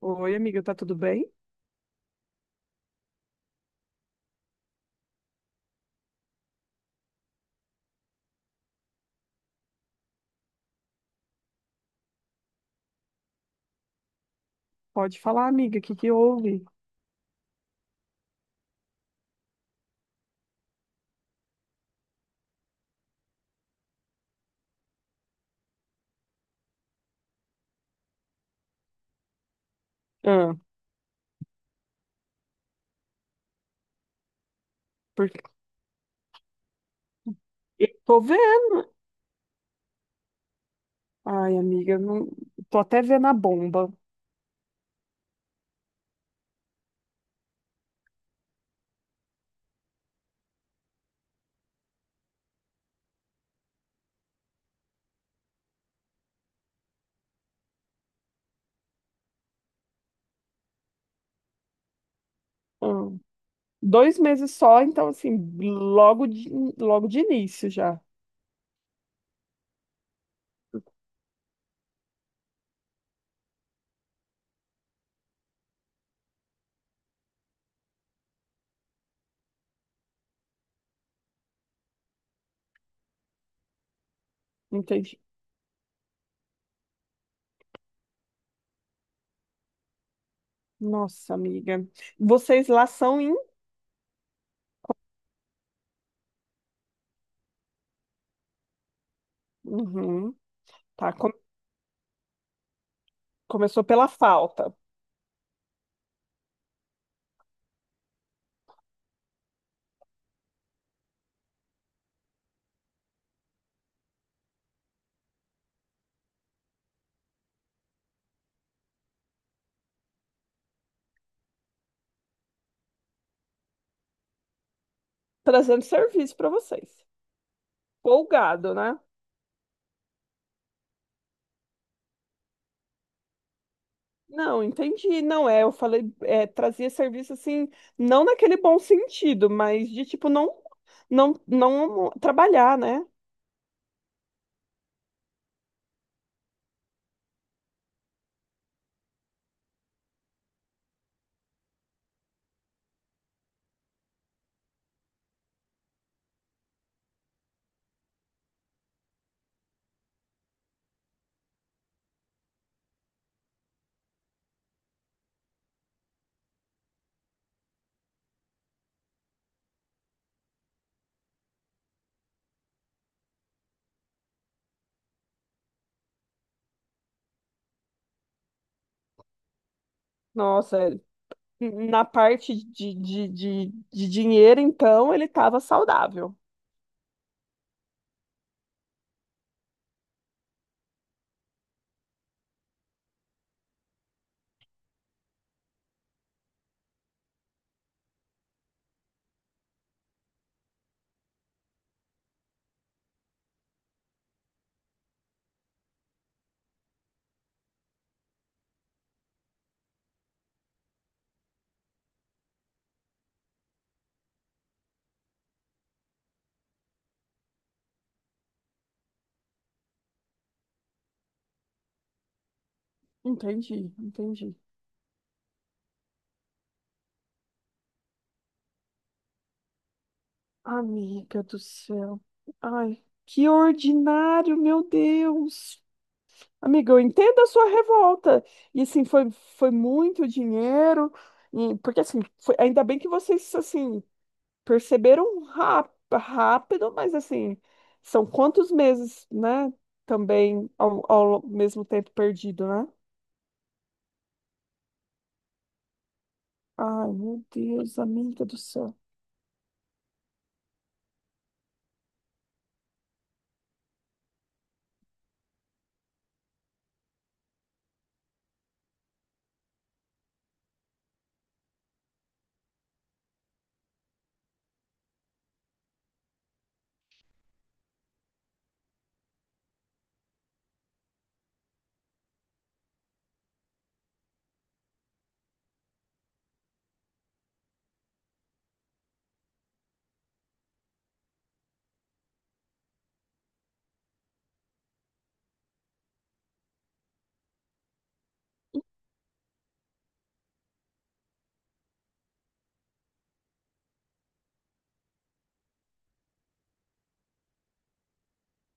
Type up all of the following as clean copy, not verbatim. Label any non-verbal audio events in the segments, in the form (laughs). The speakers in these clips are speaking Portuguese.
Oi, amiga, tá tudo bem? Pode falar, amiga, o que que houve? Ah, porque eu tô vendo. Ai, amiga, não, tô até vendo a bomba. Ah, dois meses só, então, assim, logo de, logo de início já. Entendi. Nossa, amiga. Vocês lá são em. Uhum, tá. Começou pela falta. Trazendo serviço para vocês. Folgado, né? Não, entendi. Não é, eu falei, é, trazia serviço assim, não naquele bom sentido, mas de tipo não, não trabalhar, né? Nossa, é, na parte de dinheiro, então, ele estava saudável. Entendi, entendi. Amiga do céu. Ai, que ordinário, meu Deus. Amiga, eu entendo a sua revolta. E assim, foi muito dinheiro. E, porque assim, foi- ainda bem que vocês assim perceberam rá- rápido, mas assim, são quantos meses, né? Também ao mesmo tempo perdido, né? Ai, meu Deus, amiga do céu.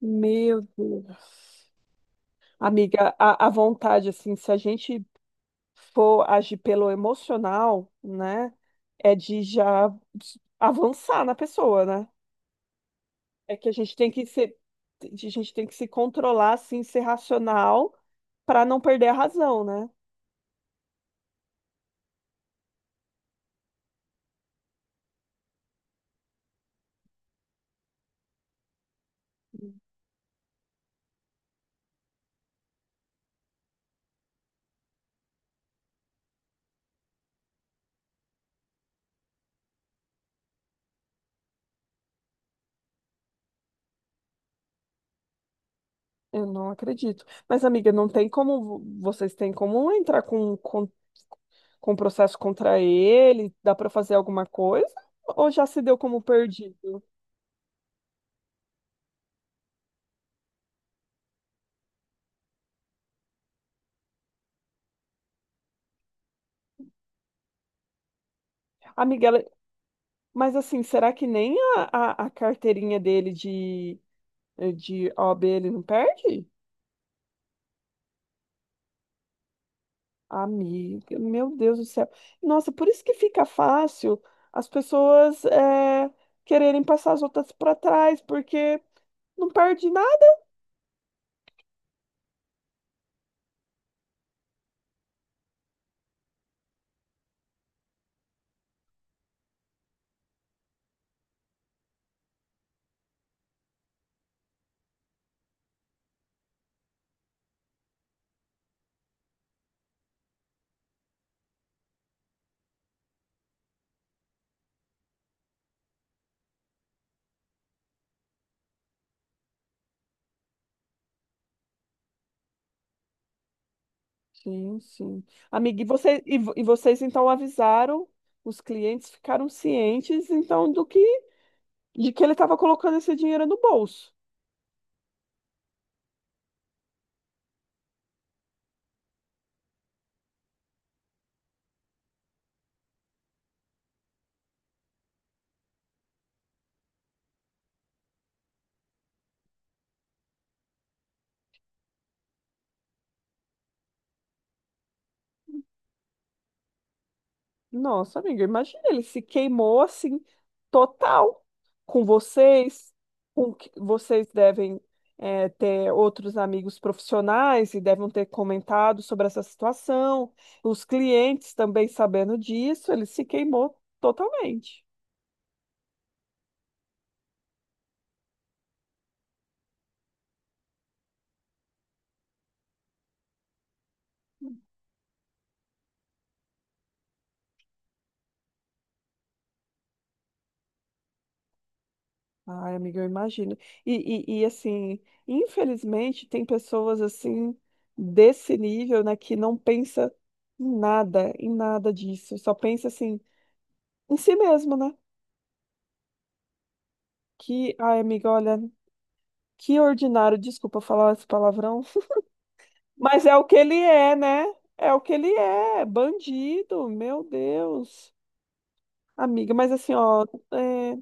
Meu Deus. Amiga, a vontade, assim, se a gente for agir pelo emocional, né, é de já avançar na pessoa, né? É que a gente tem que ser, a gente tem que se controlar, assim, ser racional para não perder a razão, né? Eu não acredito. Mas, amiga, não tem como, vo- vocês têm como entrar com processo contra ele? Dá para fazer alguma coisa? Ou já se deu como perdido? Amiga, ela- mas assim, será que nem a carteirinha dele de de OAB ele não perde? Amiga, meu Deus do céu. Nossa, por isso que fica fácil as pessoas é, quererem passar as outras para trás, porque não perde nada. Sim, sim. Amiga, e, você, e, vo- e vocês então avisaram, os clientes ficaram cientes então do que de que ele estava colocando esse dinheiro no bolso. Nossa, amiga, imagina, ele se queimou assim, total, com vocês, com que vocês devem é, ter outros amigos profissionais e devem ter comentado sobre essa situação, os clientes também sabendo disso, ele se queimou totalmente. Ai, amiga, eu imagino. E assim, infelizmente, tem pessoas assim, desse nível, né, que não pensa em nada disso, só pensa assim, em si mesmo, né? Que, ai, amiga, olha, que ordinário, desculpa falar esse palavrão, (laughs) mas é o que ele é, né? É o que ele é, bandido, meu Deus. Amiga, mas assim, ó, é.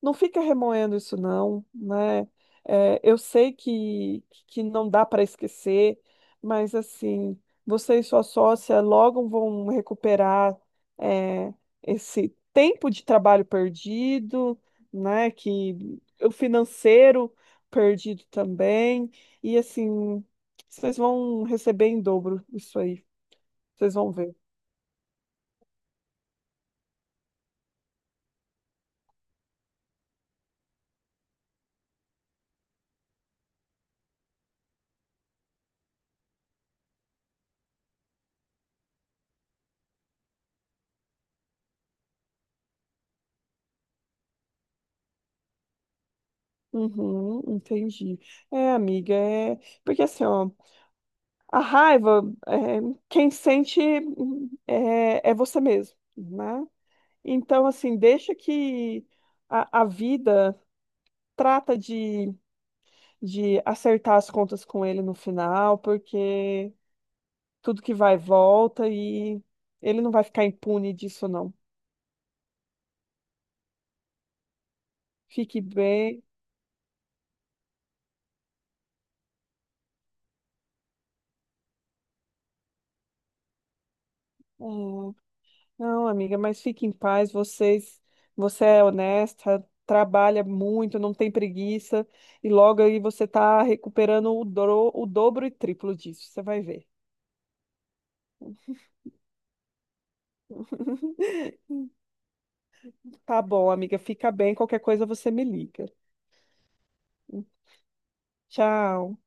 Não fica remoendo isso não, né? É, eu sei que não dá para esquecer, mas assim, você e sua sócia logo vão recuperar é, esse tempo de trabalho perdido, né? Que o financeiro perdido também, e assim, vocês vão receber em dobro isso aí, vocês vão ver. Uhum, entendi. É, amiga, é porque assim, ó, a raiva, é, quem sente é, é você mesmo, né? Então, assim, deixa que a vida trata de acertar as contas com ele no final, porque tudo que vai volta e ele não vai ficar impune disso, não. Fique bem. É. Não, amiga, mas fique em paz. Vocês, você é honesta, trabalha muito, não tem preguiça, e logo aí você tá recuperando o, dro- o dobro e triplo disso. Você vai ver. (laughs) Tá bom, amiga, fica bem. Qualquer coisa você me liga. Tchau.